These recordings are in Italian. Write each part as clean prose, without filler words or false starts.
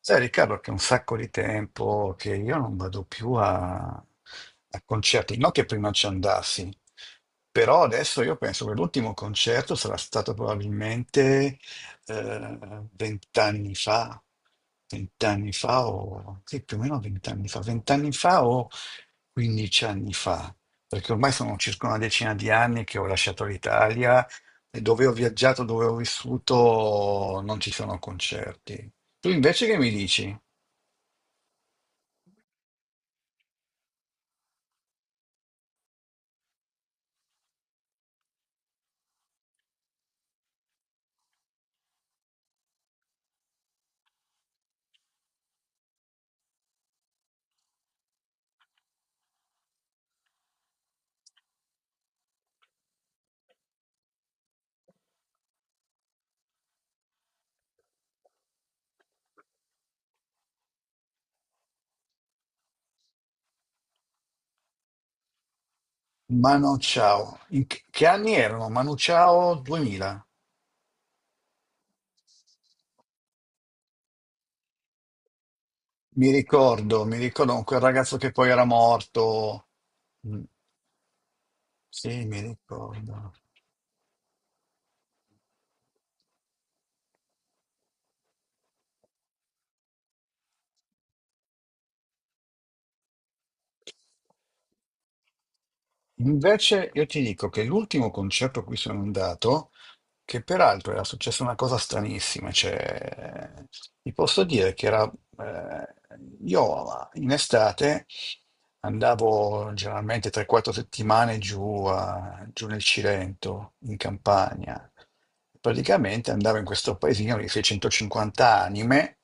Sai Riccardo che è un sacco di tempo che io non vado più a concerti, non che prima ci andassi, però adesso io penso che l'ultimo concerto sarà stato probabilmente eh, vent'anni fa, vent'anni fa o sì, più o meno vent'anni fa o quindici anni fa, perché ormai sono circa una decina di anni che ho lasciato l'Italia e dove ho viaggiato, dove ho vissuto, non ci sono concerti. Tu invece che mi dici? Manu Chao. In che anni erano? Manu Chao 2000. Mi ricordo con quel ragazzo che poi era morto. Mm. Sì, mi ricordo. Invece io ti dico che l'ultimo concerto a cui sono andato, che peraltro era successa una cosa stranissima, cioè vi posso dire che eh, io in estate andavo generalmente 3-4 settimane giù, giù nel Cilento, in Campania, praticamente andavo in questo paesino di 650 anime,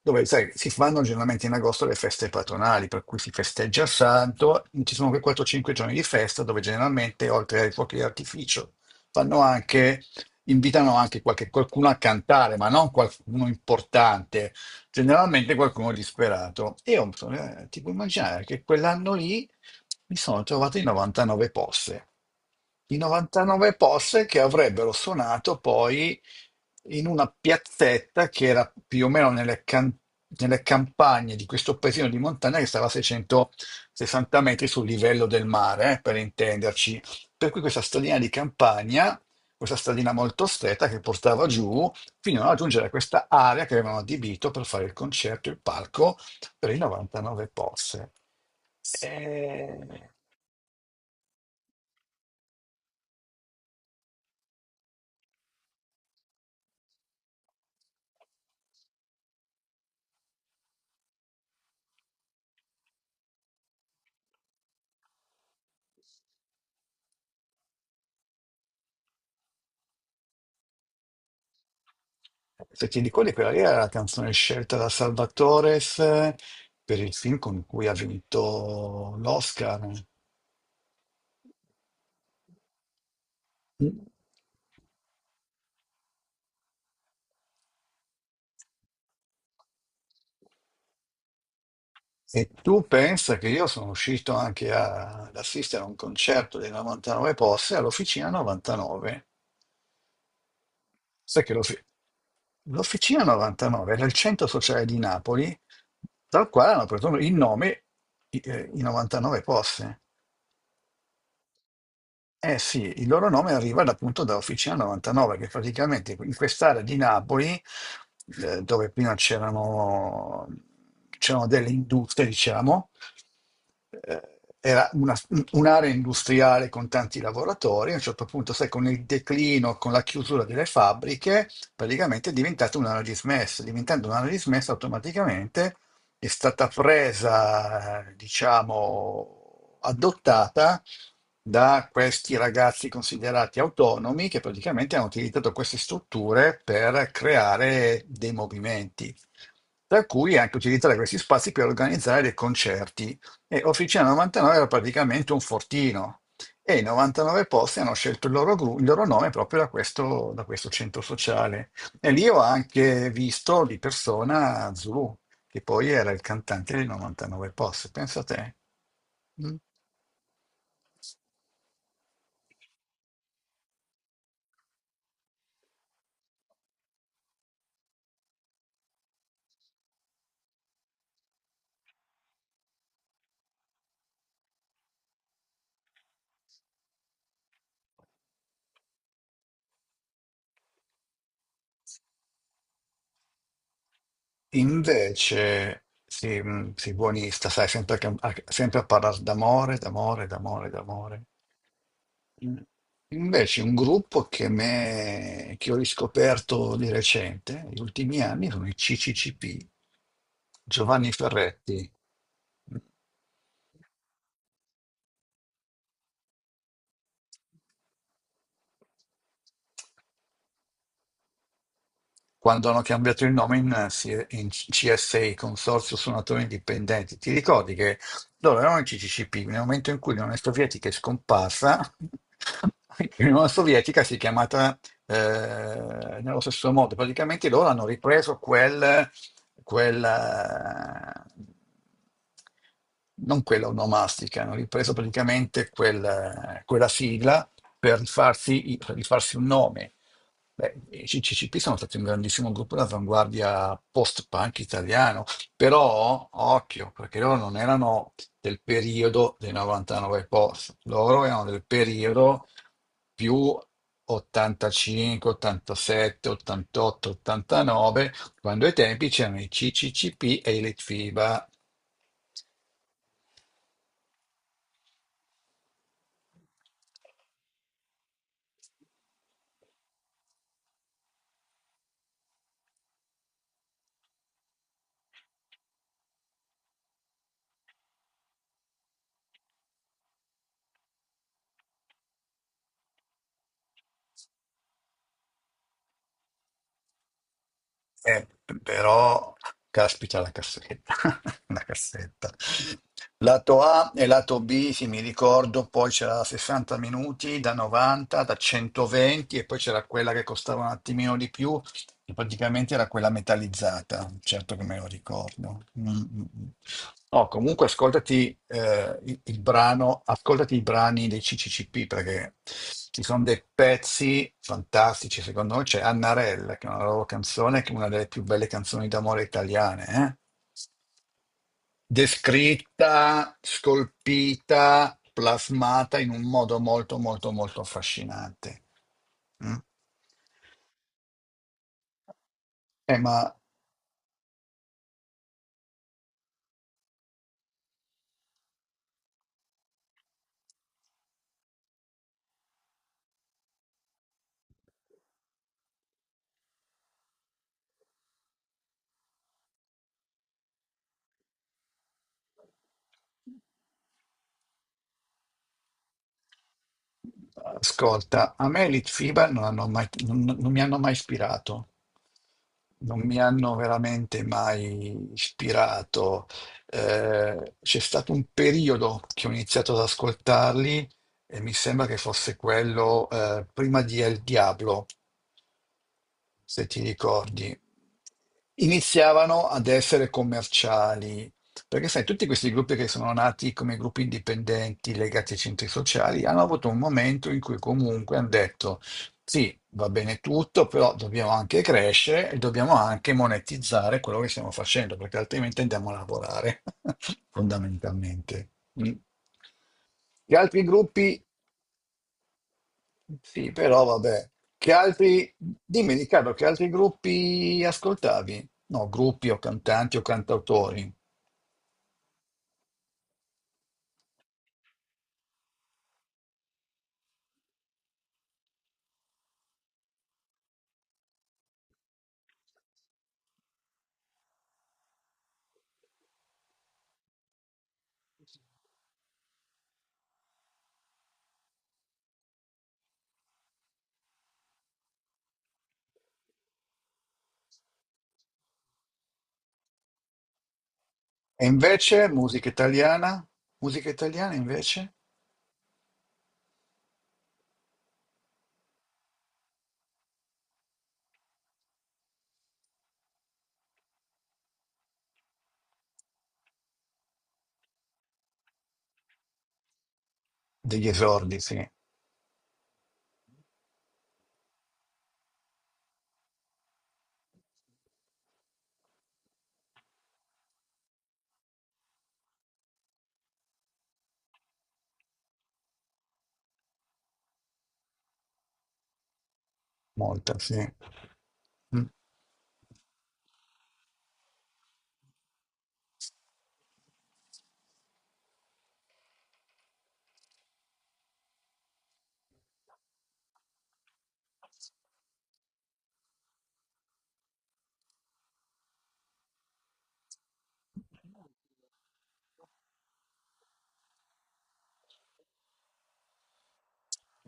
dove sai, si fanno generalmente in agosto le feste patronali, per cui si festeggia il santo. Ci sono quei 4-5 giorni di festa dove generalmente oltre ai fuochi d'artificio fanno anche invitano anche qualcuno a cantare, ma non qualcuno importante, generalmente qualcuno disperato. E io ti puoi immaginare che quell'anno lì mi sono trovato in 99 posse. I 99 posse che avrebbero suonato poi in una piazzetta che era più o meno nelle campagne di questo paesino di montagna che stava a 660 metri sul livello del mare, per intenderci. Per cui questa stradina di campagna, questa stradina molto stretta che portava giù fino a raggiungere questa area che avevano adibito per fare il concerto, il palco per i 99 posse. E. Se ti ricordi, quella lì era la canzone scelta da Salvatores per il film con cui ha vinto l'Oscar. E tu pensa che io sono uscito anche ad assistere a un concerto dei 99 posse all'Officina 99. Sai che lo, L'Officina 99 era il centro sociale di Napoli, dal quale hanno preso il nome i 99 posti. Eh sì, il loro nome arriva appunto da Officina 99, che praticamente in quest'area di Napoli, dove prima c'erano delle industrie, diciamo, eh, era un'area industriale con tanti lavoratori. A un certo punto, sai, con il declino, con la chiusura delle fabbriche, praticamente è diventata un'area dismessa. Diventando un'area dismessa automaticamente è stata presa, diciamo, adottata da questi ragazzi considerati autonomi che praticamente hanno utilizzato queste strutture per creare dei movimenti, tra cui anche utilizzare questi spazi per organizzare dei concerti. E Officina 99 era praticamente un fortino e i 99 posti hanno scelto il loro nome proprio da questo, centro sociale. E lì ho anche visto di persona Zulu che poi era il cantante di 99 Posse, pensa te. Mm. Invece, sì, sì, buonista, sai, sempre, sempre a parlare d'amore, d'amore, d'amore, d'amore. Mm. Invece un gruppo che ho riscoperto di recente, negli ultimi anni, sono i CCCP, Giovanni Ferretti. Quando hanno cambiato il nome in CSI, Consorzio Suonatori Indipendenti. Ti ricordi che loro erano in CCCP, nel momento in cui l'Unione Sovietica è scomparsa, l'Unione Sovietica si è chiamata nello stesso modo. Praticamente loro hanno ripreso quel, eh, non quella onomastica, hanno ripreso praticamente quella sigla per rifarsi un nome. Beh, i CCCP sono stati un grandissimo gruppo d'avanguardia post-punk italiano, però occhio, perché loro non erano del periodo dei 99 post, loro erano del periodo più 85, 87, 88, 89, quando ai tempi c'erano i CCCP e i Litfiba. Però, caspita la cassetta, la cassetta. Lato A e lato B, sì, mi ricordo, poi c'era la 60 minuti da 90, da 120 e poi c'era quella che costava un attimino di più, che praticamente era quella metallizzata, certo che me lo ricordo. Mm, mm, mm. No, comunque ascoltati il brano, ascoltati i brani dei CCCP perché ci sono dei pezzi fantastici, secondo me c'è Annarella, che è una loro canzone, che è una delle più belle canzoni d'amore italiane, eh? Descritta, scolpita, plasmata in un modo molto molto molto affascinante. Mm. Eh, ma Ascolta, a me i Litfiba non mi hanno mai ispirato, non mi hanno veramente mai ispirato. C'è stato un periodo che ho iniziato ad ascoltarli e mi sembra che fosse quello, prima di El Diablo, se ti ricordi, iniziavano ad essere commerciali. Perché sai, tutti questi gruppi che sono nati come gruppi indipendenti legati ai centri sociali hanno avuto un momento in cui comunque hanno detto, sì, va bene tutto, però dobbiamo anche crescere e dobbiamo anche monetizzare quello che stiamo facendo, perché altrimenti andiamo a lavorare, fondamentalmente. Mm. Gli altri gruppi sì, però vabbè. Che altri? Dimmi Riccardo, che altri gruppi ascoltavi? No, gruppi o cantanti o cantautori. E invece musica italiana? Musica italiana invece? Degli esordi, sì, molta, sì. Mm.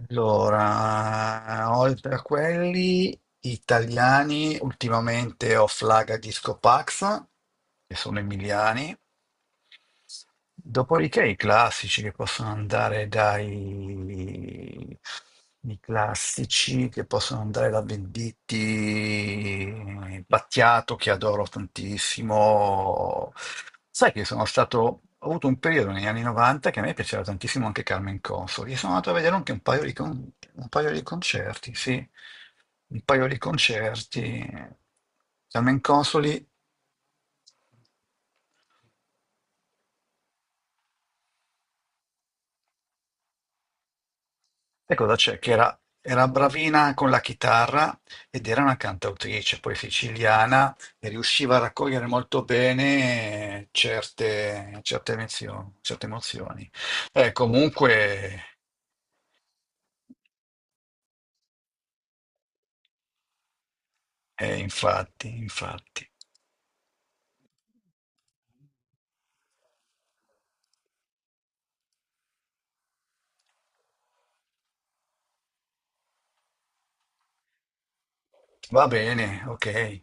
Allora, oltre a quelli italiani, ultimamente ho Flaga Disco Pax, che sono emiliani. Dopodiché i classici che possono andare da Venditti, Battiato che adoro tantissimo. Sai che sono stato, ho avuto un periodo negli anni 90 che a me piaceva tantissimo anche Carmen Consoli. E sono andato a vedere anche un paio di concerti, sì, un paio di concerti. Carmen Consoli. E cosa c'è? Che era bravina con la chitarra ed era una cantautrice, poi siciliana, e riusciva a raccogliere molto bene certe emozioni. Comunque, infatti, infatti. Va bene, ok.